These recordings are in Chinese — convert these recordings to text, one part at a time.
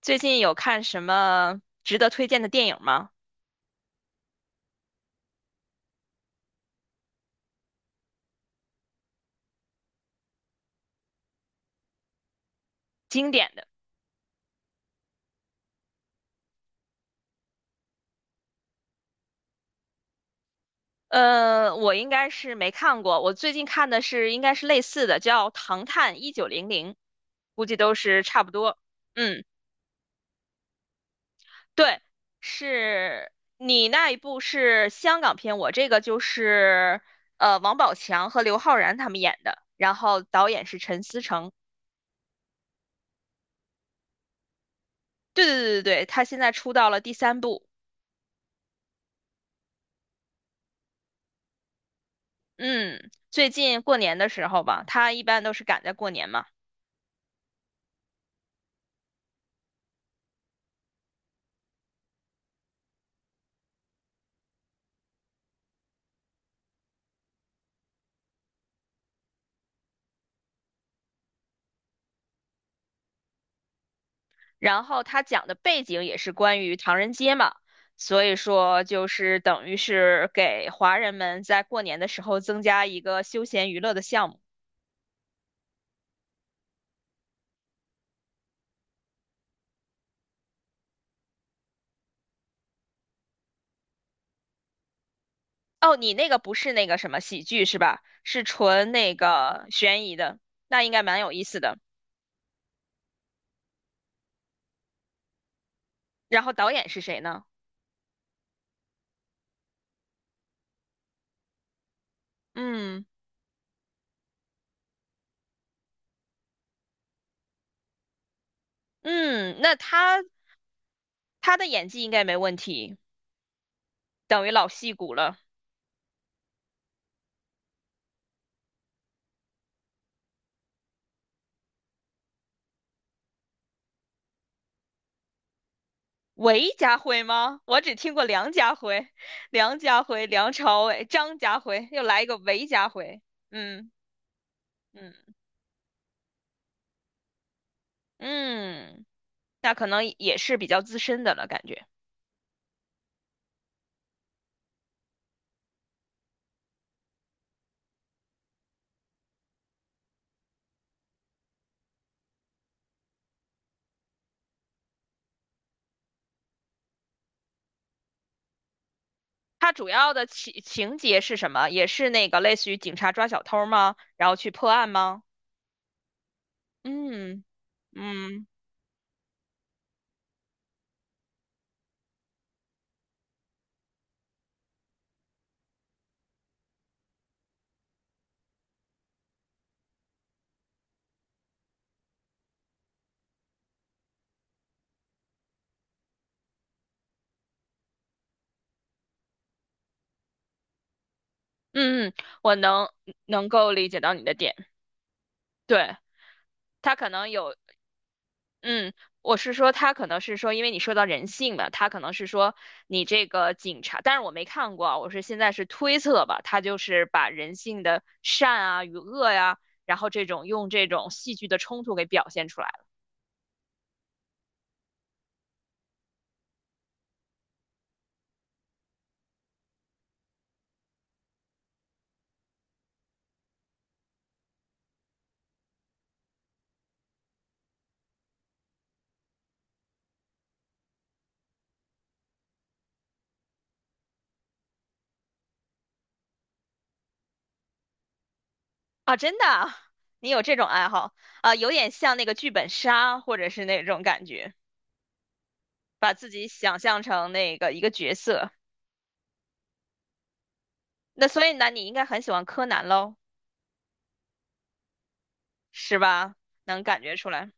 最近有看什么值得推荐的电影吗？经典的。我应该是没看过，我最近看的是应该是类似的，叫《唐探1900》，估计都是差不多。嗯，对，是你那一部是香港片，我这个就是王宝强和刘昊然他们演的，然后导演是陈思诚。对对对对对，他现在出到了第三部。嗯，最近过年的时候吧，他一般都是赶在过年嘛。然后他讲的背景也是关于唐人街嘛，所以说就是等于是给华人们在过年的时候增加一个休闲娱乐的项目。哦，你那个不是那个什么喜剧是吧？是纯那个悬疑的，那应该蛮有意思的。然后导演是谁呢？嗯嗯，那他的演技应该没问题，等于老戏骨了。韦家辉吗？我只听过梁家辉、梁朝伟、张家辉，又来一个韦家辉。嗯嗯嗯，那可能也是比较资深的了，感觉。他主要的情节是什么？也是那个类似于警察抓小偷儿吗？然后去破案吗？嗯嗯嗯，嗯我能够理解到你的点。对，他可能有嗯，我是说，他可能是说，因为你说到人性嘛，他可能是说你这个警察，但是我没看过啊我是现在是推测吧，他就是把人性的善啊与恶呀、然后这种用这种戏剧的冲突给表现出来了啊，真的啊你有这种爱好啊，有点像那个剧本杀或者是那种感觉，把自己想象成那个一个角色，那所以呢，你应该很喜欢柯南喽，是吧？能感觉出来。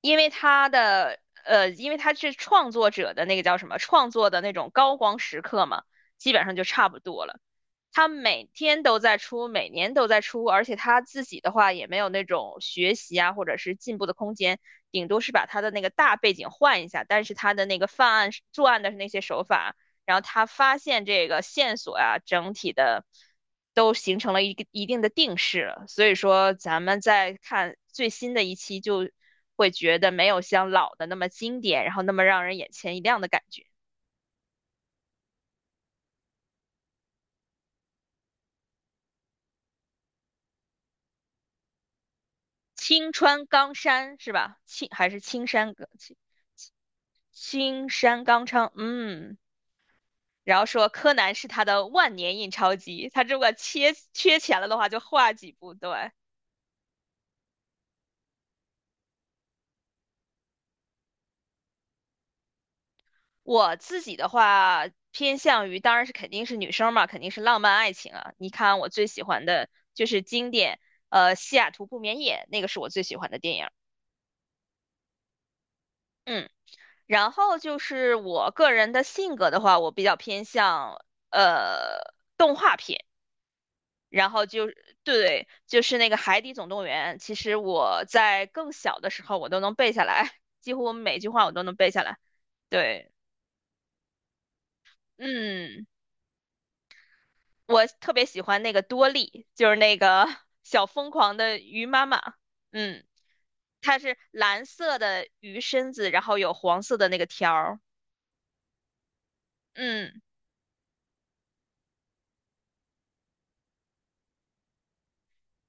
因为他的因为他是创作者的那个叫什么创作的那种高光时刻嘛，基本上就差不多了。他每天都在出，每年都在出，而且他自己的话也没有那种学习啊或者是进步的空间，顶多是把他的那个大背景换一下，但是他的那个犯案作案的那些手法，然后他发现这个线索啊，整体的都形成了一个一定的定势了，所以说咱们再看最新的一期就会觉得没有像老的那么经典，然后那么让人眼前一亮的感觉。青川刚山是吧？青还是青山刚？青山刚昌，嗯，然后说柯南是他的万年印钞机，他如果缺钱了的话，就画几部。对，我自己的话，偏向于当然是肯定是女生嘛，肯定是浪漫爱情啊。你看我最喜欢的就是经典，《西雅图不眠夜》，那个是我最喜欢的电影。嗯，然后就是我个人的性格的话，我比较偏向动画片。然后就对，就是那个《海底总动员》，其实我在更小的时候我都能背下来，几乎每句话我都能背下来。对，嗯，我特别喜欢那个多莉，就是那个 小疯狂的鱼妈妈。嗯，它是蓝色的鱼身子，然后有黄色的那个条儿。嗯。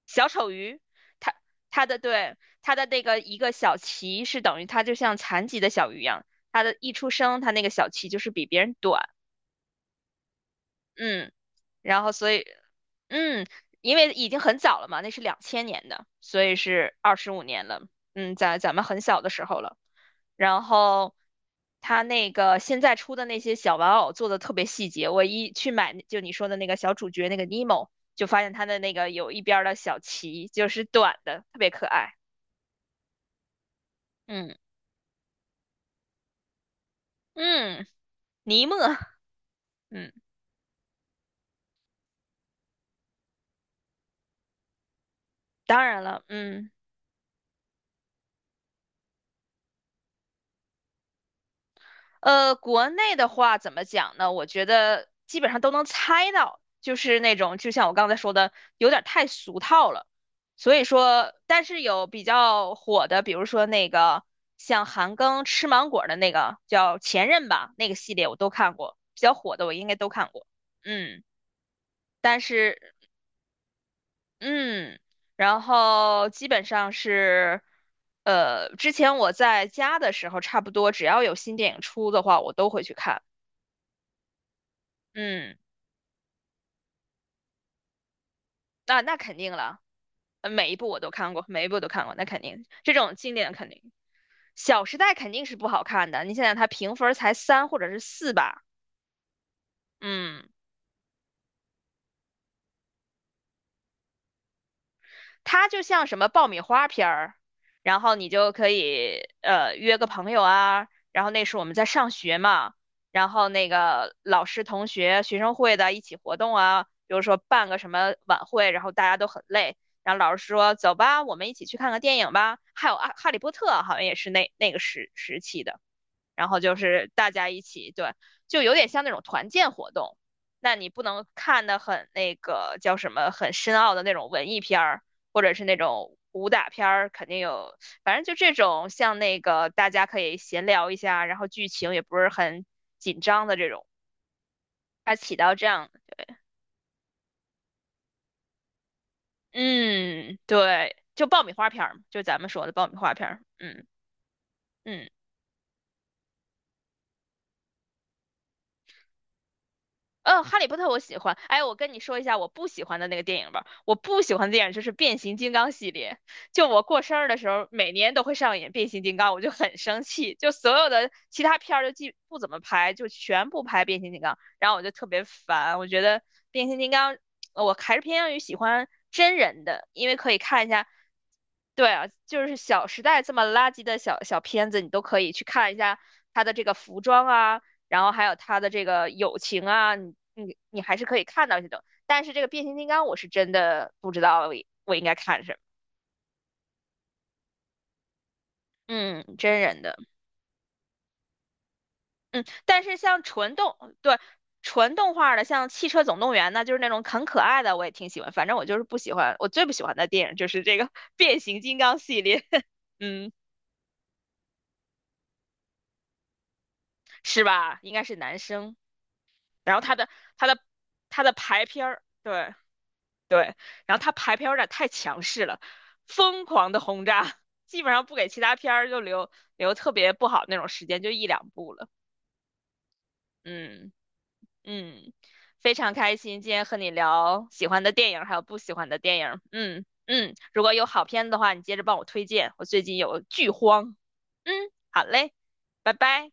小丑鱼，它它的对它的那个一个小鳍是等于它就像残疾的小鱼一样，它的一出生它那个小鳍就是比别人短，嗯，然后所以嗯，因为已经很早了嘛，那是2000年的，所以是25年了，嗯，在咱们很小的时候了，然后。它那个现在出的那些小玩偶做的特别细节，我一去买就你说的那个小主角那个尼莫，就发现它的那个有一边儿的小鳍就是短的，特别可爱。嗯嗯，尼莫，嗯，当然了，嗯，国内的话怎么讲呢？我觉得基本上都能猜到，就是那种就像我刚才说的，有点太俗套了。所以说，但是有比较火的，比如说那个像韩庚吃芒果的那个叫《前任》吧，那个系列我都看过，比较火的我应该都看过。嗯，但是嗯，然后基本上是，之前我在家的时候，差不多只要有新电影出的话，我都会去看。嗯，那那肯定了，每一部我都看过，每一部都看过，那肯定，这种经典肯定，《小时代》肯定是不好看的。你想想，它评分儿才3或者是4吧？嗯。它就像什么爆米花片儿，然后你就可以约个朋友啊，然后那时候我们在上学嘛，然后那个老师、同学、学生会的一起活动啊，比如说办个什么晚会，然后大家都很累，然后老师说走吧，我们一起去看个电影吧，还有啊《哈利波特》好像也是那时期的。然后就是大家一起，对，就有点像那种团建活动。那你不能看的很那个叫什么很深奥的那种文艺片儿，或者是那种武打片儿，肯定有，反正就这种像那个大家可以闲聊一下，然后剧情也不是很紧张的这种，它起到这样，嗯，对，就爆米花片儿嘛，就咱们说的爆米花片儿，嗯嗯。嗯，哈利波特我喜欢。哎，我跟你说一下我不喜欢的那个电影吧。我不喜欢的电影就是变形金刚系列。就我过生日的时候，每年都会上演变形金刚，我就很生气。就所有的其他片儿就记不怎么拍，就全部拍变形金刚，然后我就特别烦。我觉得变形金刚，我还是偏向于喜欢真人的，因为可以看一下。对啊，就是《小时代》这么垃圾的小小片子，你都可以去看一下它的这个服装啊。然后还有他的这个友情啊，你还是可以看到这种。但是这个变形金刚，我是真的不知道我应该看什么。嗯，真人的，嗯，但是像纯动，对，纯动画的，像《汽车总动员》呢，就是那种很可爱的，我也挺喜欢。反正我就是不喜欢，我最不喜欢的电影就是这个 变形金刚系列，嗯，是吧？应该是男生。然后他的他的排片儿，对，对，然后他排片儿有点太强势了，疯狂的轰炸，基本上不给其他片儿就留特别不好那种时间，就一两部了。嗯嗯，非常开心今天和你聊喜欢的电影，还有不喜欢的电影。嗯嗯，如果有好片子的话，你接着帮我推荐，我最近有剧荒。嗯，好嘞，拜拜。